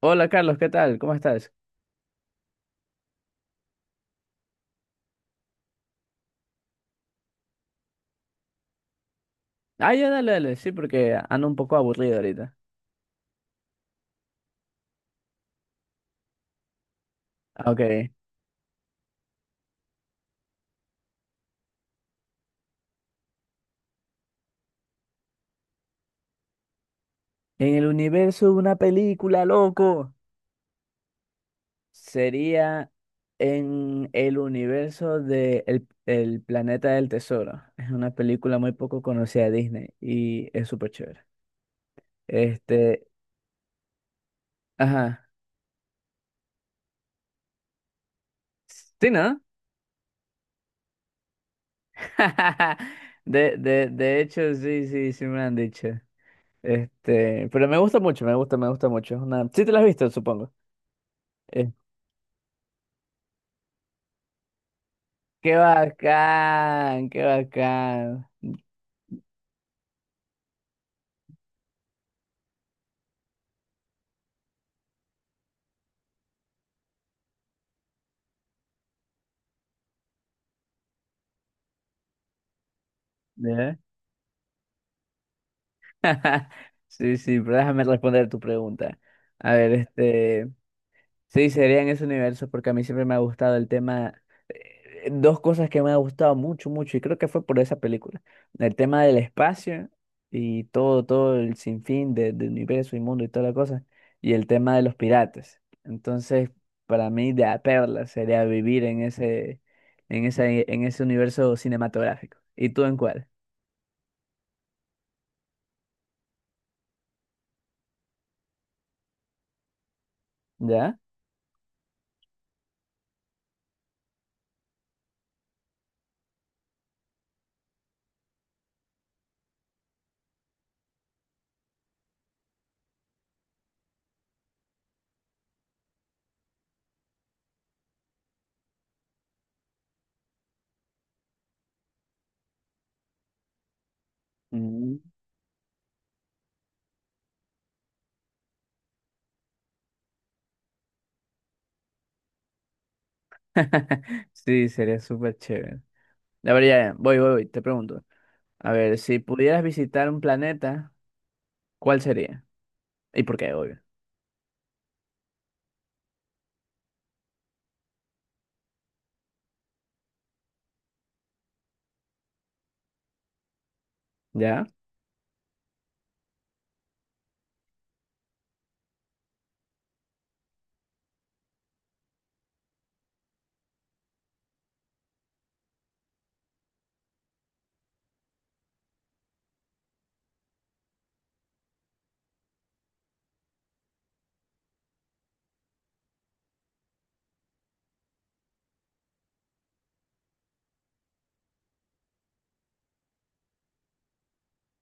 Hola Carlos, ¿qué tal? ¿Cómo estás? Ah, ya, dale, dale, sí, porque ando un poco aburrido ahorita. Ah, ok. En el universo de una película, loco, sería en el universo de El Planeta del Tesoro. Es una película muy poco conocida de Disney y es súper chévere. Este, ajá. Sí, ¿no? De hecho, sí, me han dicho. Este, pero me gusta mucho, me gusta mucho. Es una Sí te la has visto, supongo. Qué bacán, qué bacán. ¿Eh? Sí, sí, pero déjame responder tu pregunta. A ver, este. Sí, sería en ese universo porque a mí siempre me ha gustado el tema, dos cosas que me ha gustado mucho, mucho, y creo que fue por esa película, el tema del espacio y todo, todo el sinfín del universo y mundo y toda la cosa, y el tema de los piratas. Entonces, para mí, de a perla sería vivir en ese, en ese, en ese universo cinematográfico. ¿Y tú en cuál? ¿Ya? Mm. Sí, sería súper chévere. A ver, ya, voy, voy, voy, te pregunto. A ver, si pudieras visitar un planeta, ¿cuál sería? ¿Y por qué, obvio? ¿Ya?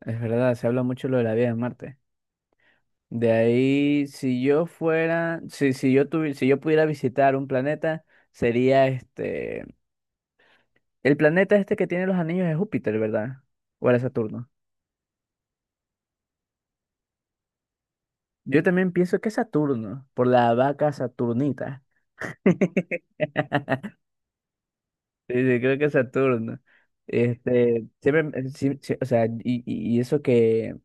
Es verdad, se habla mucho lo de la vida en Marte. De ahí, si yo fuera, si, si yo pudiera visitar un planeta, sería este, el planeta este que tiene los anillos de Júpiter, ¿verdad? ¿O era Saturno? Yo también pienso que es Saturno, por la vaca Saturnita. Sí, sí, creo que Saturno. Este, siempre, sí, sí, o sea, y, y eso que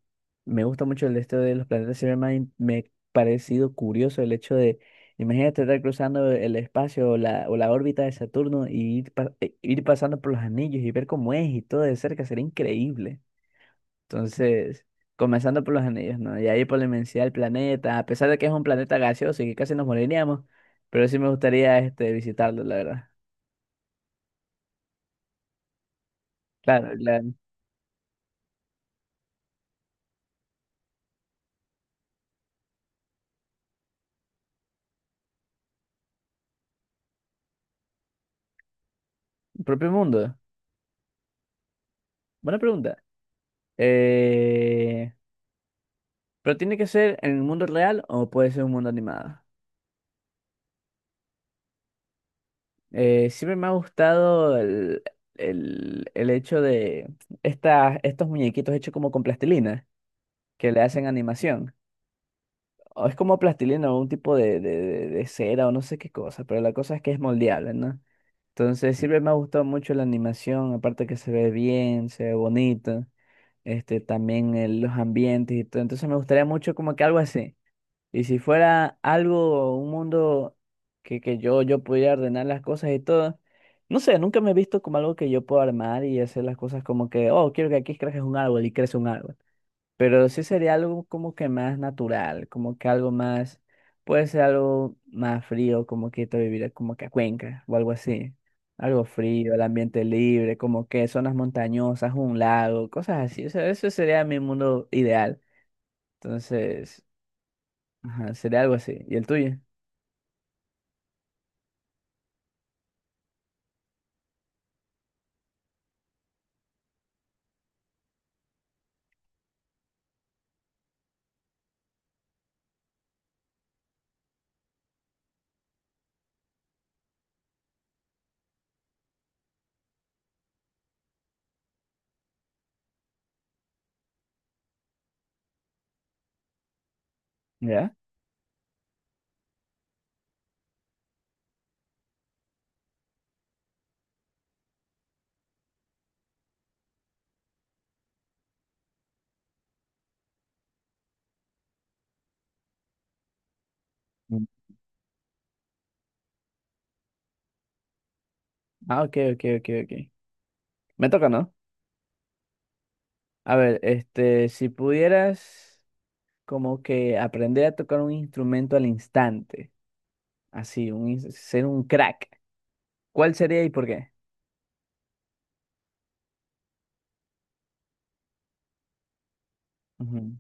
me gusta mucho el esto de los planetas, siempre me ha, me ha parecido curioso el hecho de, imagínate estar cruzando el espacio o la órbita de Saturno y ir, ir pasando por los anillos y ver cómo es y todo de cerca, sería increíble. Entonces, comenzando por los anillos, ¿no? Y ahí por la inmensidad del planeta, a pesar de que es un planeta gaseoso y que casi nos moriríamos, pero sí me gustaría este, visitarlo, la verdad. Claro. Propio mundo. Buena pregunta. Eh, ¿Pero tiene que ser en el mundo real o puede ser un mundo animado? Siempre me ha gustado el hecho de estas estos muñequitos hechos como con plastilina, que le hacen animación. O es como plastilina o un tipo de cera o no sé qué cosa, pero la cosa es que es moldeable, ¿no? Entonces siempre me ha gustado mucho la animación, aparte que se ve bien, se ve bonito, este, también los ambientes y todo. Entonces me gustaría mucho como que algo así. Y si fuera algo, un mundo que, yo pudiera ordenar las cosas y todo, no sé, nunca me he visto como algo que yo puedo armar y hacer las cosas como que, oh, quiero que aquí crezca un árbol y crece un árbol. Pero sí sería algo como que más natural, como que algo más, puede ser algo más frío, como que te viviría como que a Cuenca o algo así. Algo frío, el ambiente libre, como que zonas montañosas, un lago, cosas así. O sea, eso sería mi mundo ideal. Entonces, ajá, sería algo así. ¿Y el tuyo? ¿Ya? Mm. Ah, ok, ok, ok, ok. Me toca, ¿no? A ver, este, si pudieras como que aprender a tocar un instrumento al instante, así, ser un crack, ¿cuál sería y por qué? Ujú.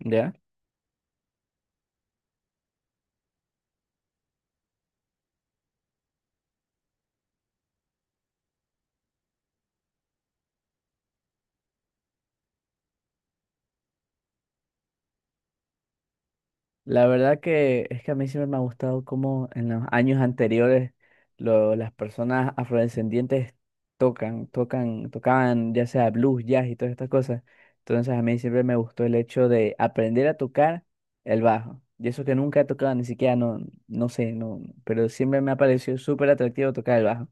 ¿Ya? La verdad que es que a mí siempre me ha gustado cómo en los años anteriores las personas afrodescendientes tocaban ya sea blues, jazz y todas estas cosas. Entonces a mí siempre me gustó el hecho de aprender a tocar el bajo. Y eso que nunca he tocado, ni siquiera, no, no sé, no, pero siempre me ha parecido súper atractivo tocar el bajo.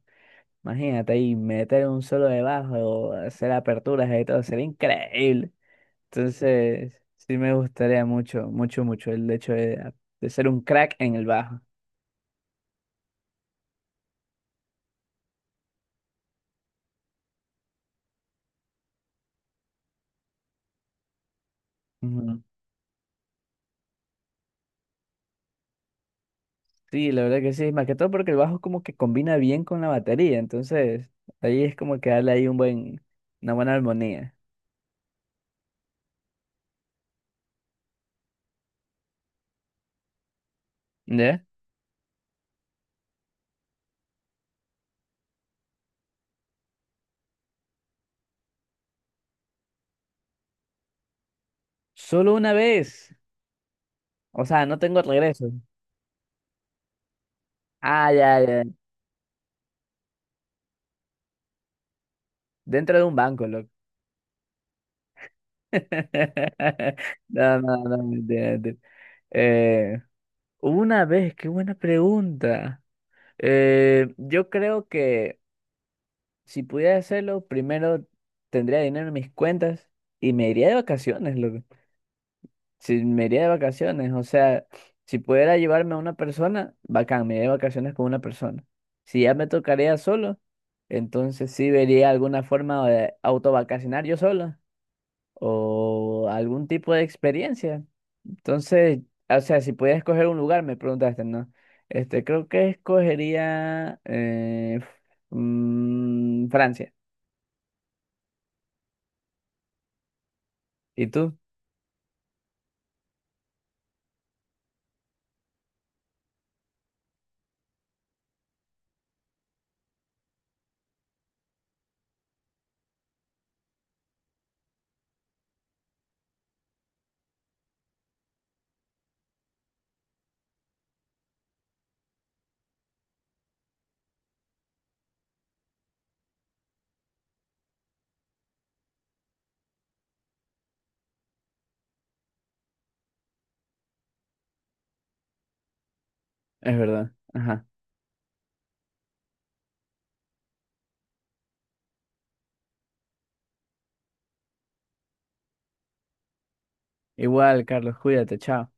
Imagínate ahí meter un solo de bajo, hacer aperturas y todo, sería increíble. Entonces, sí me gustaría mucho, mucho, mucho el hecho de ser un crack en el bajo. Ujú. Sí, la verdad que sí, más que todo porque el bajo como que combina bien con la batería, entonces ahí es como que darle ahí un buen, una buena armonía. ¿Ya? Solo una vez, o sea, no tengo regreso. Ah, ya, ya, dentro de un banco, loco. No, no, no, mentira, mentira. Eh, una vez, qué buena pregunta. Yo creo que Si pudiera hacerlo, primero tendría dinero en mis cuentas y me iría de vacaciones, loco. Si me iría de vacaciones, o sea, si pudiera llevarme a una persona, bacán, me iría de vacaciones con una persona. Si ya me tocaría solo, entonces sí vería alguna forma de autovacacionar yo solo o algún tipo de experiencia. Entonces, o sea, si pudiera escoger un lugar, me preguntaste, ¿no? Este, creo que escogería mm, Francia. ¿Y tú? Es verdad. Ajá. Igual, Carlos, cuídate, chao.